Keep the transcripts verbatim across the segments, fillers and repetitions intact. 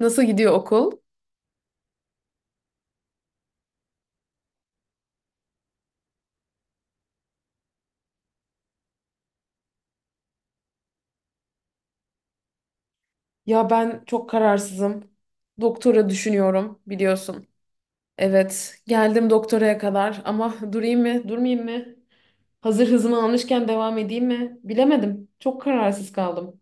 Nasıl gidiyor okul? Ya ben çok kararsızım. Doktora düşünüyorum biliyorsun. Evet, geldim doktoraya kadar ama durayım mı, durmayayım mı? Hazır hızımı almışken devam edeyim mi? Bilemedim. Çok kararsız kaldım.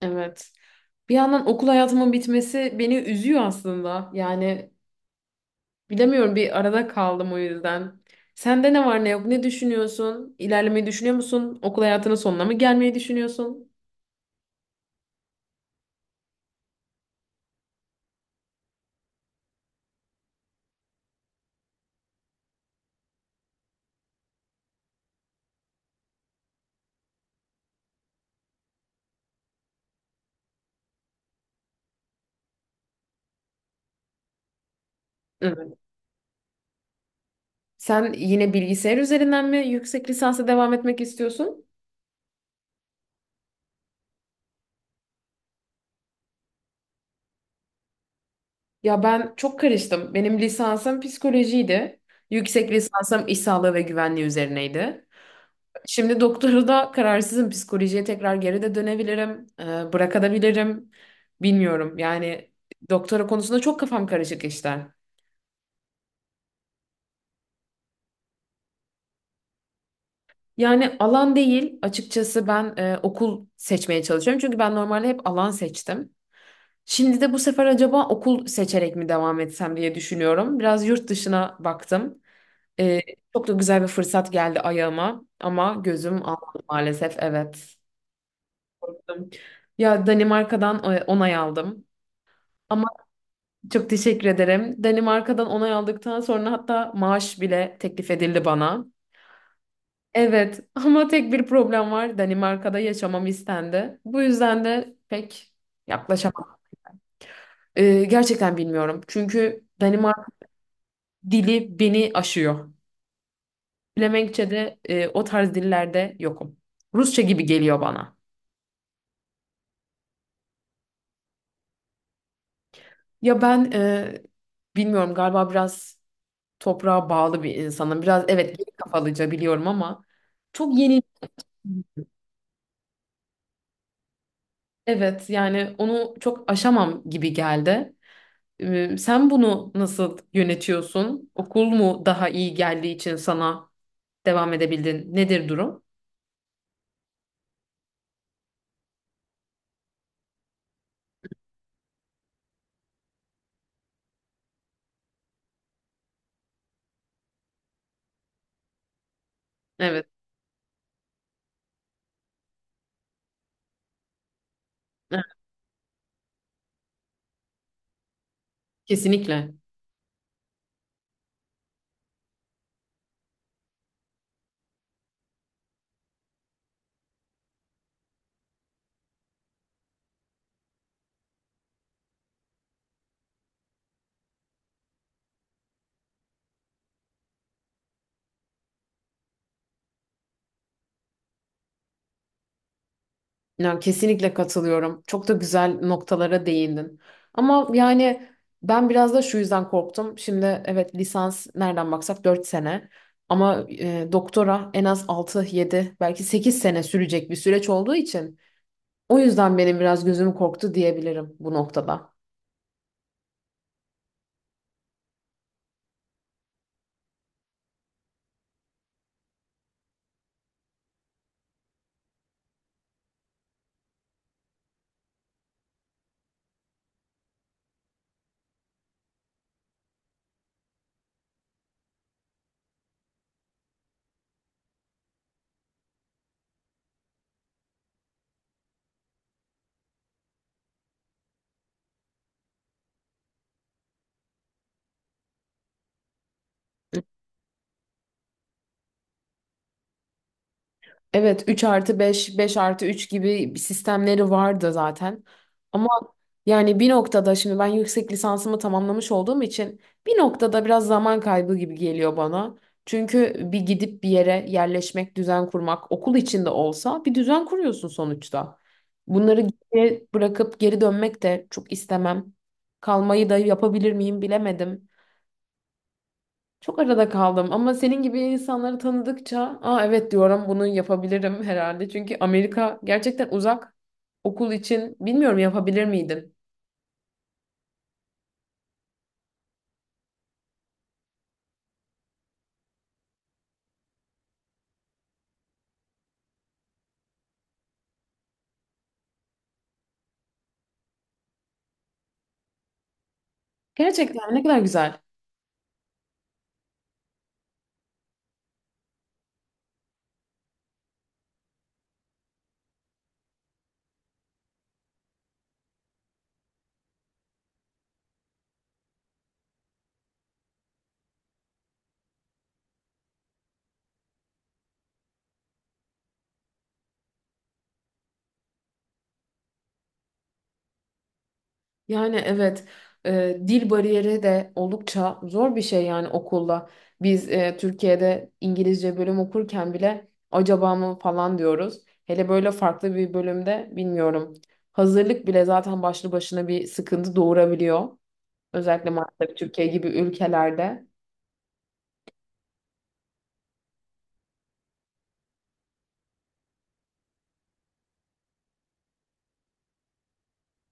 Evet. Bir yandan okul hayatımın bitmesi beni üzüyor aslında. Yani bilemiyorum, bir arada kaldım o yüzden. Sende ne var ne yok, ne düşünüyorsun? İlerlemeyi düşünüyor musun? Okul hayatının sonuna mı gelmeyi düşünüyorsun? Evet. Sen yine bilgisayar üzerinden mi yüksek lisansa devam etmek istiyorsun? Ya ben çok karıştım. Benim lisansım psikolojiydi. Yüksek lisansım iş sağlığı ve güvenliği üzerineydi. Şimdi doktoru da kararsızım. Psikolojiye tekrar geri de dönebilirim. E, bırakabilirim. Bilmiyorum. Yani doktora konusunda çok kafam karışık işte. Yani alan değil. Açıkçası ben e, okul seçmeye çalışıyorum. Çünkü ben normalde hep alan seçtim. Şimdi de bu sefer acaba okul seçerek mi devam etsem diye düşünüyorum. Biraz yurt dışına baktım. E, Çok da güzel bir fırsat geldi ayağıma. Ama gözüm almadı maalesef. Evet. Korktum. Ya Danimarka'dan e, onay aldım. ama Çok teşekkür ederim. Danimarka'dan onay aldıktan sonra hatta maaş bile teklif edildi bana. Evet, ama tek bir problem var. Danimarka'da yaşamam istendi. Bu yüzden de pek yaklaşamam. Ee, gerçekten bilmiyorum. Çünkü Danimark dili beni aşıyor. Flemenkçe'de e, o tarz dillerde yokum. Rusça gibi geliyor bana. Ya ben, e, bilmiyorum, galiba biraz toprağa bağlı bir insanım. Biraz, evet, geri kafalıca biliyorum ama çok yeni. Evet, yani onu çok aşamam gibi geldi. Ee, Sen bunu nasıl yönetiyorsun? Okul mu daha iyi geldiği için sana devam edebildin? Nedir durum? Evet, evet, kesinlikle. Yani kesinlikle katılıyorum. Çok da güzel noktalara değindin. Ama yani ben biraz da şu yüzden korktum. Şimdi evet, lisans nereden baksak dört sene. Ama e, doktora en az altı, yedi, belki sekiz sene sürecek bir süreç olduğu için, o yüzden benim biraz gözüm korktu diyebilirim bu noktada. Evet, üç artı beş, beş artı üç gibi sistemleri vardı zaten. Ama yani bir noktada şimdi ben yüksek lisansımı tamamlamış olduğum için bir noktada biraz zaman kaybı gibi geliyor bana. Çünkü bir gidip bir yere yerleşmek, düzen kurmak, okul içinde olsa bir düzen kuruyorsun sonuçta. Bunları geriye bırakıp geri dönmek de çok istemem. Kalmayı da yapabilir miyim, bilemedim. Çok arada kaldım ama senin gibi insanları tanıdıkça aa, evet diyorum, bunu yapabilirim herhalde. Çünkü Amerika gerçekten uzak, okul için bilmiyorum yapabilir miydim? Gerçekten ne kadar güzel. Yani evet, e, dil bariyeri de oldukça zor bir şey yani okulda. Biz e, Türkiye'de İngilizce bölüm okurken bile acaba mı falan diyoruz. Hele böyle farklı bir bölümde bilmiyorum. Hazırlık bile zaten başlı başına bir sıkıntı doğurabiliyor. Özellikle maalesef Türkiye gibi ülkelerde.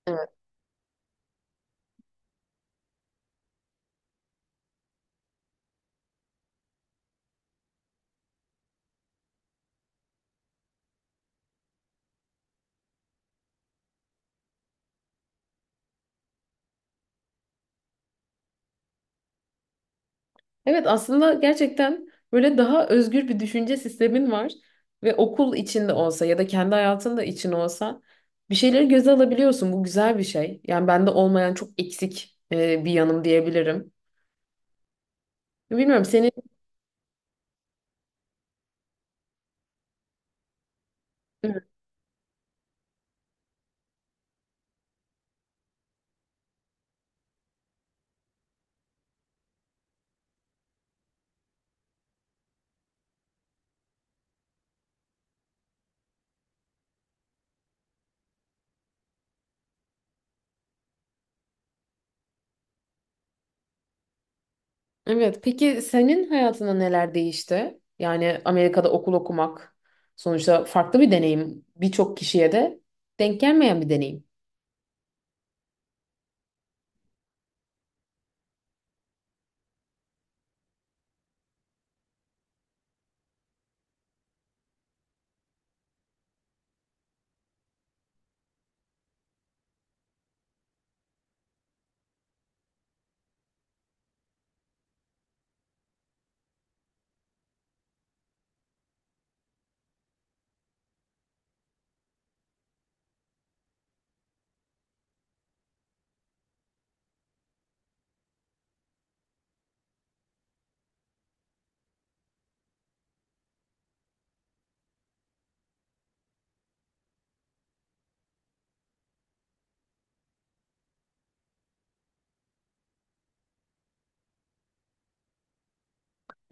Evet. Evet, aslında gerçekten böyle daha özgür bir düşünce sistemin var ve okul içinde olsa ya da kendi hayatında için olsa bir şeyleri göze alabiliyorsun. Bu güzel bir şey. Yani bende olmayan çok eksik e, bir yanım diyebilirim. Bilmiyorum senin Evet, peki senin hayatında neler değişti? Yani Amerika'da okul okumak sonuçta farklı bir deneyim. Birçok kişiye de denk gelmeyen bir deneyim.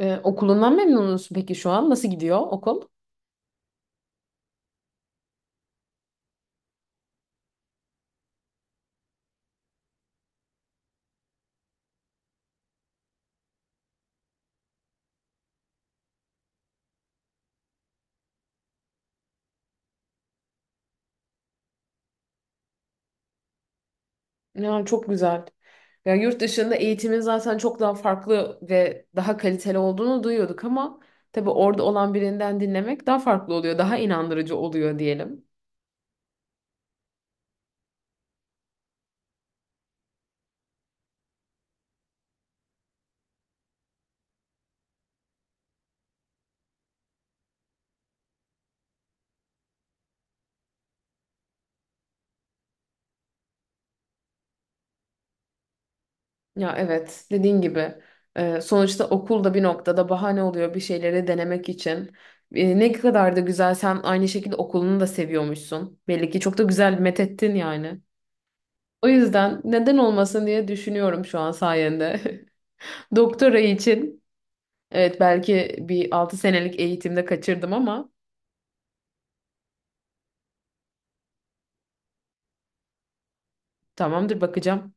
Ee, okulundan memnun musun peki şu an? Nasıl gidiyor okul? Ya çok güzel. Ya yurt dışında eğitimin zaten çok daha farklı ve daha kaliteli olduğunu duyuyorduk ama tabii orada olan birinden dinlemek daha farklı oluyor, daha inandırıcı oluyor diyelim. Ya evet, dediğin gibi, e, sonuçta okul da bir noktada bahane oluyor bir şeyleri denemek için. E, ne kadar da güzel, sen aynı şekilde okulunu da seviyormuşsun. Belli ki çok da güzel methettin yani. O yüzden neden olmasın diye düşünüyorum şu an sayende. Doktora için evet, belki bir altı senelik eğitimde kaçırdım ama tamamdır, bakacağım.